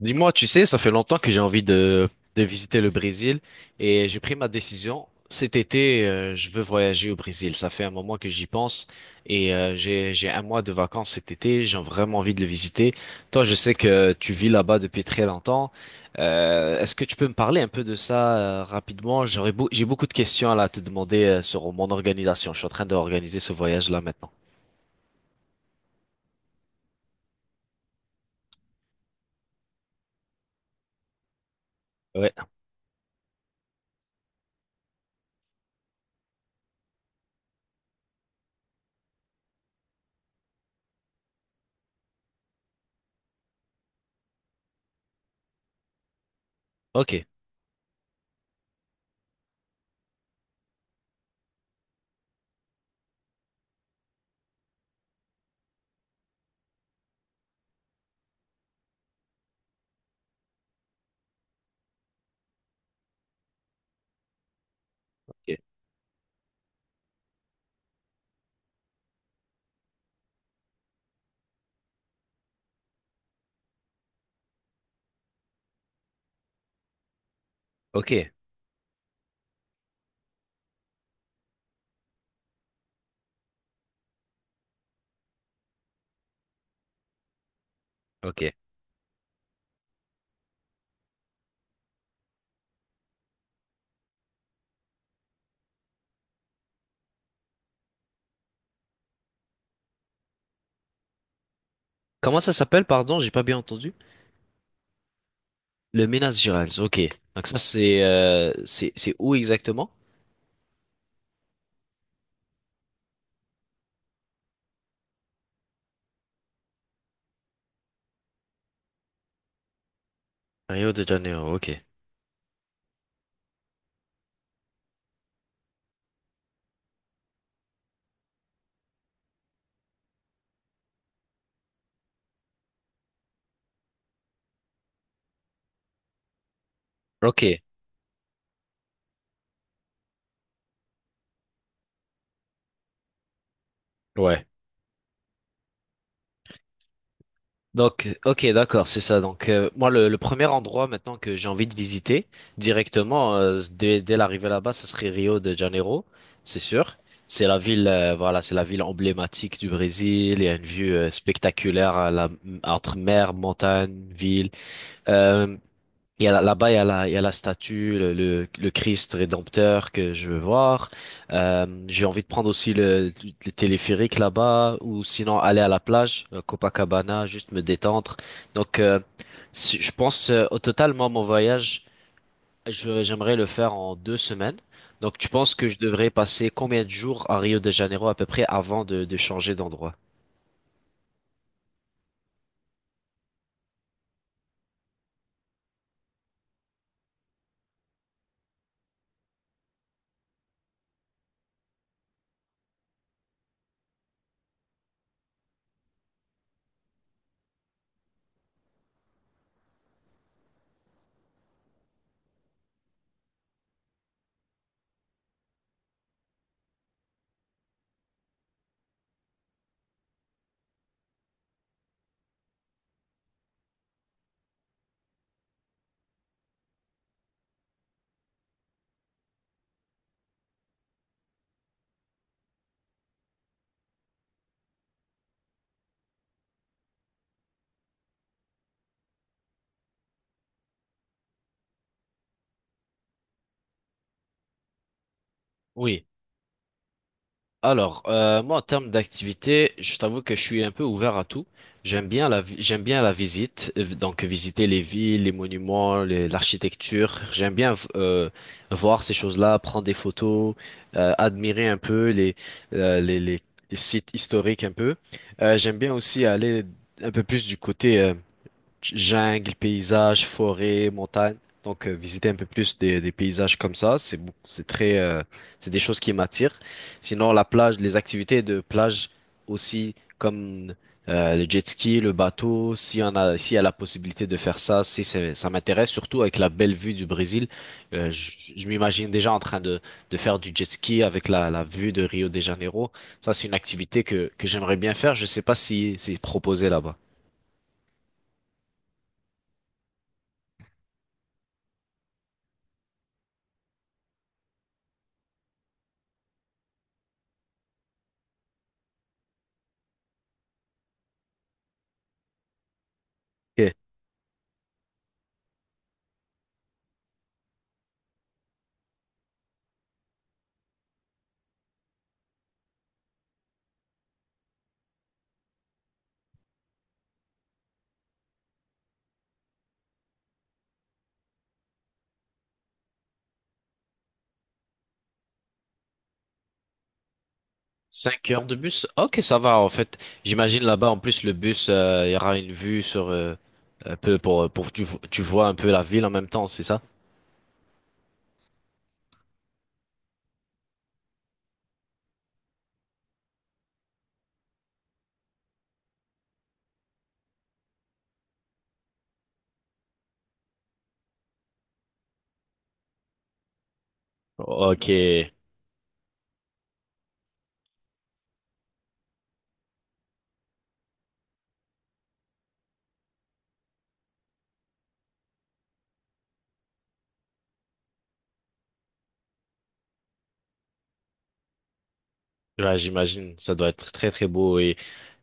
Dis-moi, tu sais, ça fait longtemps que j'ai envie de visiter le Brésil et j'ai pris ma décision. Cet été, je veux voyager au Brésil. Ça fait un moment que j'y pense et j'ai un mois de vacances cet été. J'ai vraiment envie de le visiter. Toi, je sais que tu vis là-bas depuis très longtemps. Est-ce que tu peux me parler un peu de ça rapidement? J'ai beaucoup de questions là, à te demander sur mon organisation. Je suis en train d'organiser ce voyage-là maintenant. Ouais, ok, ok, ok. Ok. Comment ça s'appelle, pardon, j'ai pas bien entendu? Le Minas Gerais, ok. Donc ça, c'est c'est où exactement? Rio de Janeiro, ok. Ok, ouais. Donc, ok, d'accord, c'est ça. Donc, moi, le premier endroit maintenant que j'ai envie de visiter directement, dès l'arrivée là-bas, ce serait Rio de Janeiro, c'est sûr. C'est la ville, voilà, c'est la ville emblématique du Brésil. Il y a une vue spectaculaire à la, entre mer, montagne, ville. Euh, Il y a la- Là-bas, il y a la, il y a la statue, le Christ rédempteur que je veux voir. J'ai envie de prendre aussi le téléphérique là-bas, ou sinon aller à la plage, Copacabana, juste me détendre. Donc, je pense au total, moi, mon voyage, j'aimerais le faire en deux semaines. Donc, tu penses que je devrais passer combien de jours à Rio de Janeiro à peu près avant de changer d'endroit? Oui. Alors, moi, en termes d'activité, je t'avoue que je suis un peu ouvert à tout. J'aime bien la visite, donc visiter les villes, les monuments, l'architecture. Voir ces choses-là, prendre des photos, admirer un peu euh, les, les- les sites historiques un peu. J'aime bien aussi aller un peu plus du côté jungle, paysage, forêt, montagne. Donc visiter un peu plus des paysages comme ça, c'est très c'est des choses qui m'attirent. Sinon la plage, les activités de plage aussi comme le jet ski, le bateau, si on a s'il y a la possibilité de faire ça, si c'est- ça m'intéresse surtout avec la belle vue du Brésil. Je m'imagine déjà en train de faire du jet ski avec la vue de Rio de Janeiro. Ça c'est une activité que j'aimerais bien faire, je sais pas si c'est proposé là-bas. Cinq heures de bus? Ok, ça va en fait. J'imagine là-bas en plus le bus, il y aura une vue sur un peu tu vois un peu la ville en même temps, c'est ça? Ok. Ouais, j'imagine, ça doit être très très beau et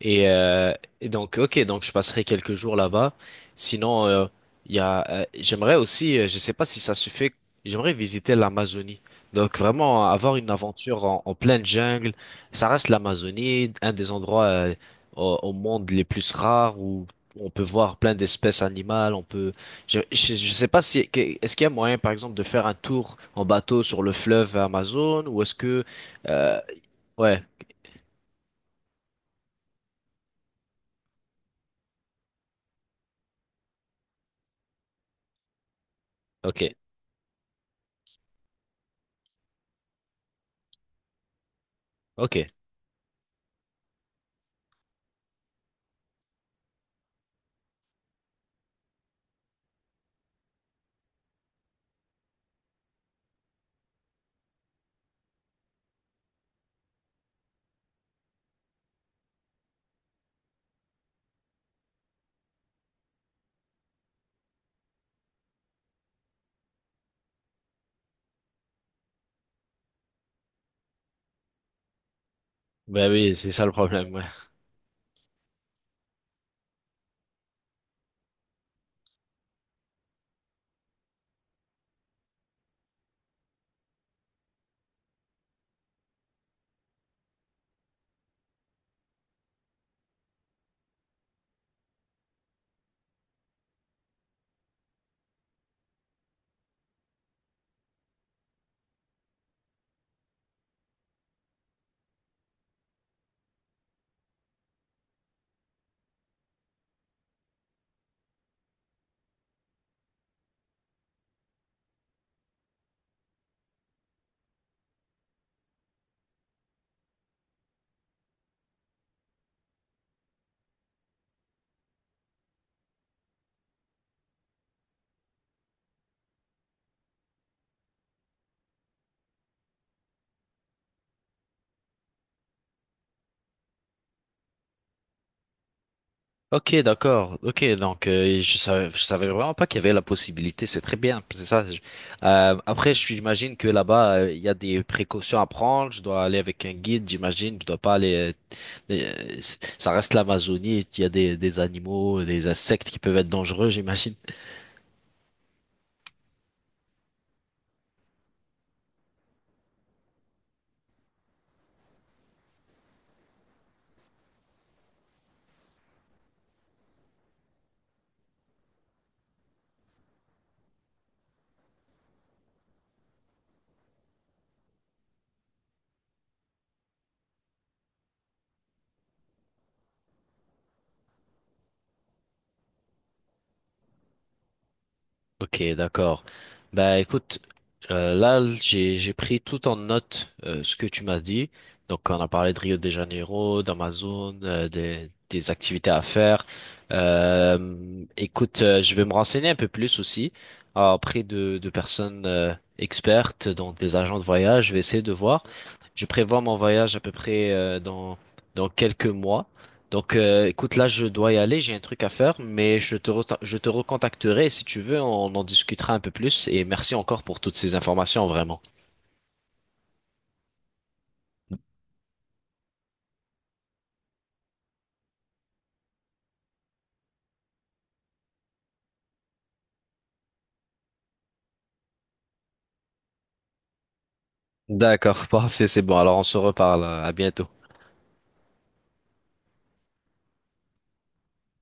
et, euh, et donc ok donc je passerai quelques jours là-bas. Sinon il y a j'aimerais aussi je sais pas si ça se fait, j'aimerais visiter l'Amazonie. Donc vraiment avoir une aventure en pleine jungle, ça reste l'Amazonie, un des endroits au monde les plus rares où on peut voir plein d'espèces animales, on peut je sais pas si que- est-ce qu'il y a moyen par exemple de faire un tour en bateau sur le fleuve Amazon ou est-ce que euh, ouais, ok, ok. Ben oui, c'est ça le problème, ouais. Ok, d'accord. Ok, donc je savais vraiment pas qu'il y avait la possibilité. C'est très bien, c'est ça. Après, j'imagine que là-bas, il y a des précautions à prendre. Je dois aller avec un guide, j'imagine. Je dois pas aller. Ça reste l'Amazonie. Il y a des animaux, des insectes qui peuvent être dangereux, j'imagine. Ok, d'accord. Bah écoute, là j'ai pris tout en note ce que tu m'as dit. Donc on a parlé de Rio de Janeiro, d'Amazon, des activités à faire. Écoute, je vais me renseigner un peu plus aussi auprès de personnes expertes, donc des agents de voyage. Je vais essayer de voir. Je prévois mon voyage à peu près dans quelques mois. Donc, écoute, là, je dois y aller, j'ai un truc à faire, mais je te recontacterai et si tu veux, on en discutera un peu plus. Et merci encore pour toutes ces informations, vraiment. D'accord, parfait, c'est bon. Alors on se reparle. À bientôt.